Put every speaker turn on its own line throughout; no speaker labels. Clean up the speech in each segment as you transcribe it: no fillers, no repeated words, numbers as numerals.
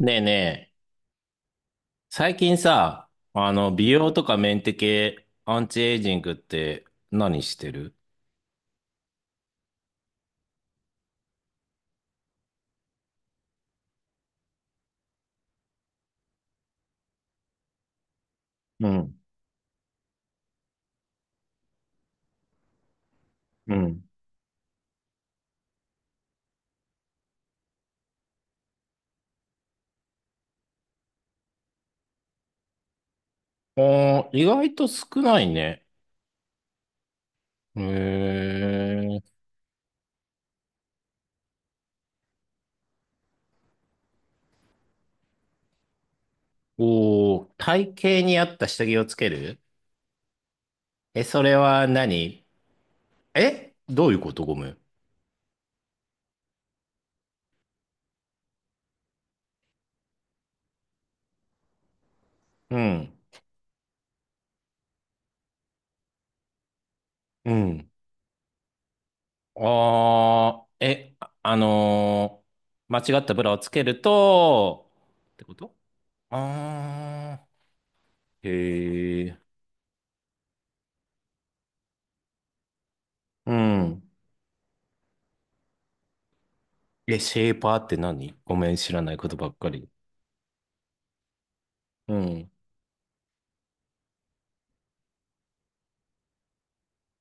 ねえねえ、最近さ、美容とかメンテ系、アンチエイジングって何してる？うん、うん。あー、意外と少ないね。へえ。おー、体型に合った下着をつける？え、それは何？え、どういうこと？ごめん。うん、うん。あー、え、間違ったブラをつけると、ってこと？あー、へえ。うん。え、シェーパーって何？ごめん、知らないことばっかり。うん。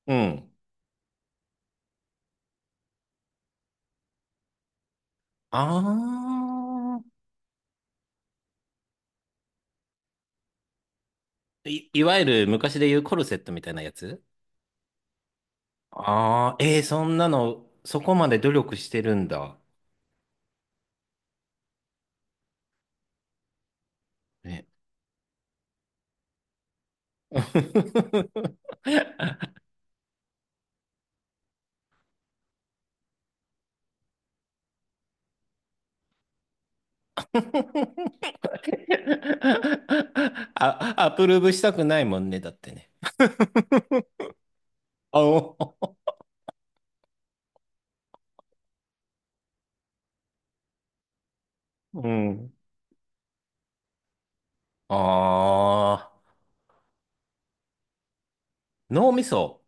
うん。ああ。いわゆる昔で言うコルセットみたいなやつ？ああー、えー、そんなの、そこまで努力してるんだ。ね。あ、アプローブしたくないもんね、だってね。あお。うん。ああ、脳みそ。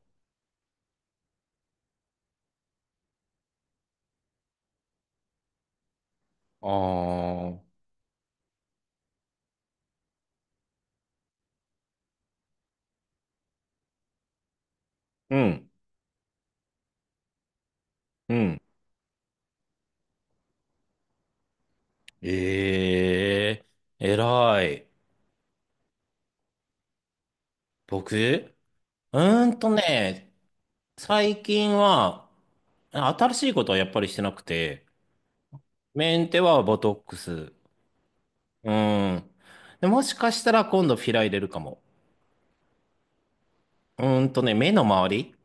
ああ、うん、うん。ええ、偉い。僕、うーんとね、最近は、新しいことはやっぱりしてなくて、メンテはボトックス。うーん。で、もしかしたら今度フィラ入れるかも。目の周り。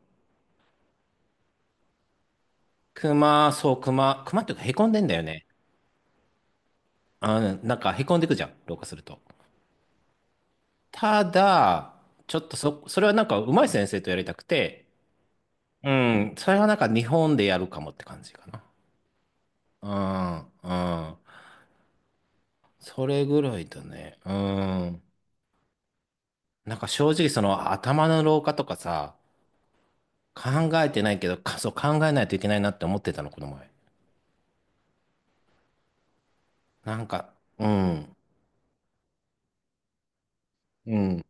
クマ、そう、クマ。クマっていうか、へこんでんだよね。うん、なんかへこんでくじゃん、老化すると。ただ、ちょっとそ、それはなんか上手い先生とやりたくて、うん、それはなんか日本でやるかもって感じかな。うん、うん。それぐらいだね。うん。なんか正直その頭の老化とかさ、考えてないけど、そう考えないといけないなって思ってたの、この前。なんか、うん、うん、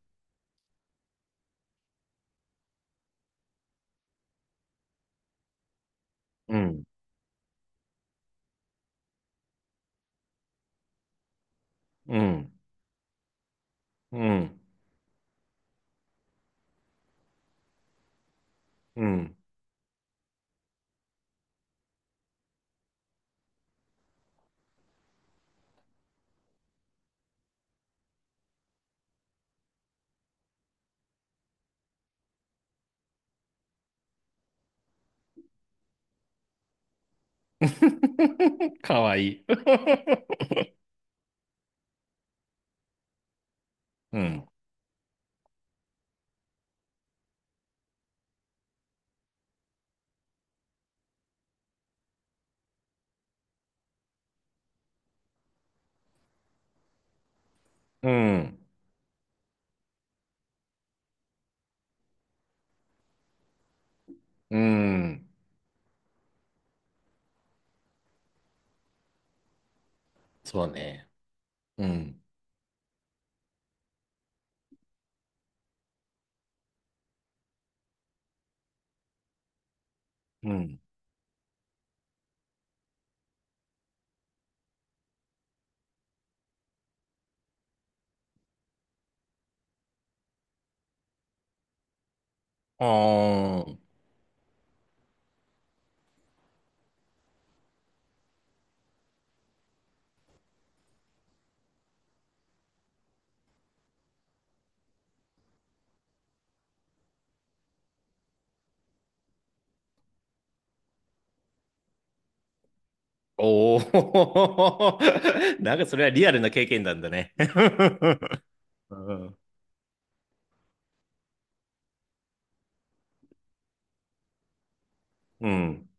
うん、うん、うん、うん。かわいい。うん、うん、うん。そうね。うん、うん。あー、おー。なんかそれはリアルな経験なんだね。うん、うん、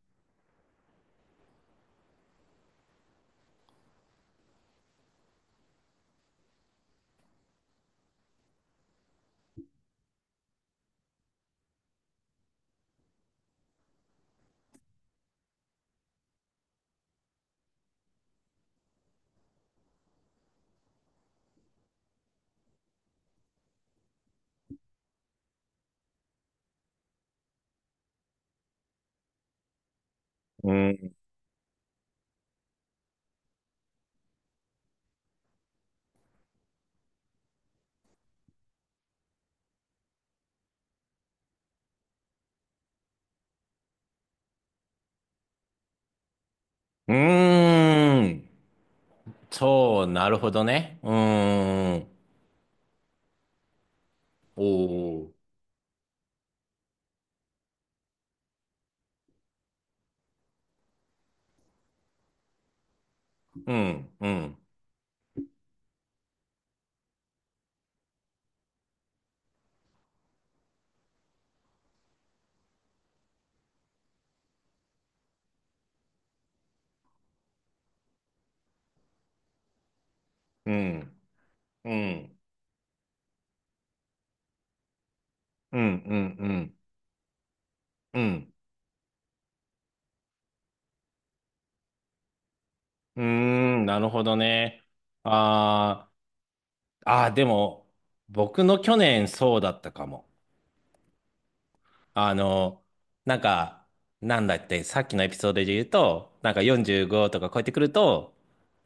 うん。うーん。そう、なるほどね。うーん。おお。うん、うん、うん、うん、うん、うん、うん、うん。うーん、なるほどね。あーあー、でも、僕の去年そうだったかも。あの、なんか、なんだって、さっきのエピソードで言うと、なんか45とか超えてくると、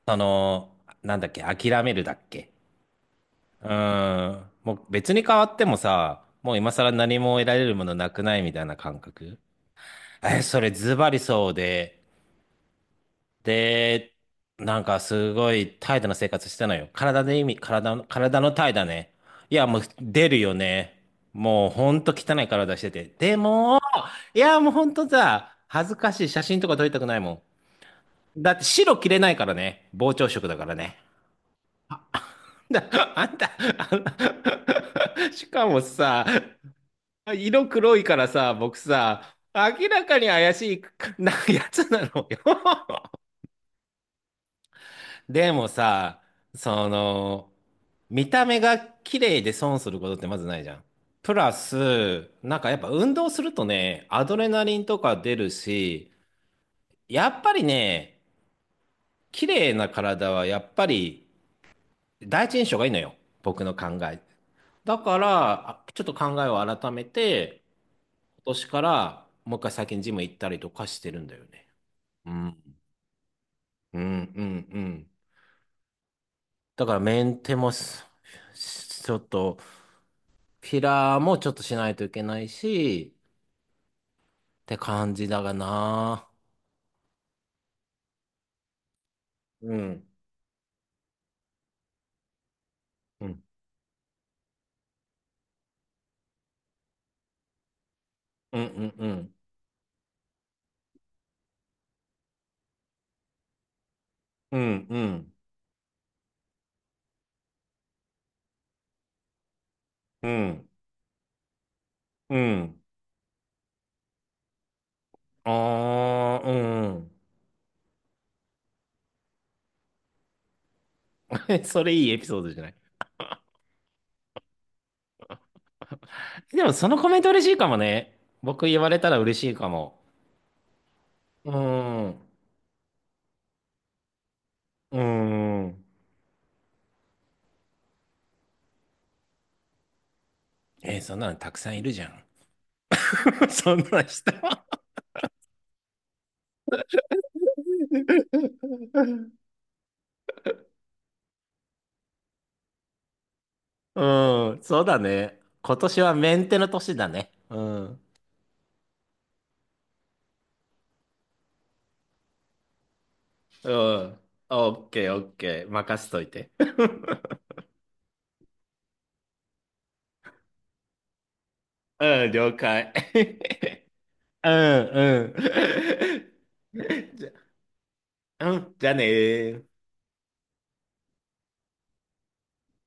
その、なんだっけ、諦めるだっけ。うん。もう別に変わってもさ、もう今更何も得られるものなくないみたいな感覚。え、それズバリそうで、で、なんかすごい怠惰な生活してたのよ。体で意味、体の、体の怠惰ね。いや、もう出るよね。もうほんと汚い体してて。でも、いや、もうほんとさ、恥ずかしい写真とか撮りたくないもん。だって白着れないからね。膨張色だからね。だ、あんた、あんた しかもさ、色黒いからさ、僕さ、明らかに怪しいなやつなのよ。 でもさ、その、見た目が綺麗で損することってまずないじゃん。プラス、なんかやっぱ運動するとね、アドレナリンとか出るし、やっぱりね、綺麗な体はやっぱり第一印象がいいのよ。僕の考え。だから、あ、ちょっと考えを改めて、今年からもう一回最近ジム行ったりとかしてるんだよね。うんうんうんうん。だからメンテもちょっと、フィラーもちょっとしないといけないし、って感じだがな。うん。うんうんうんうんうんうんうんああうん。 それいいエピソードじゃない？でもそのコメント嬉しいかもね。僕言われたら嬉しいかも。うんうん。えー、そんなのたくさんいるじゃん。 そんな人。 うん、そうだね。今年はメンテの年だね。うん。うん。オッケー、オッケー。任せといて。うん、了解。うん、うん。じゃ、うん、じゃあねー。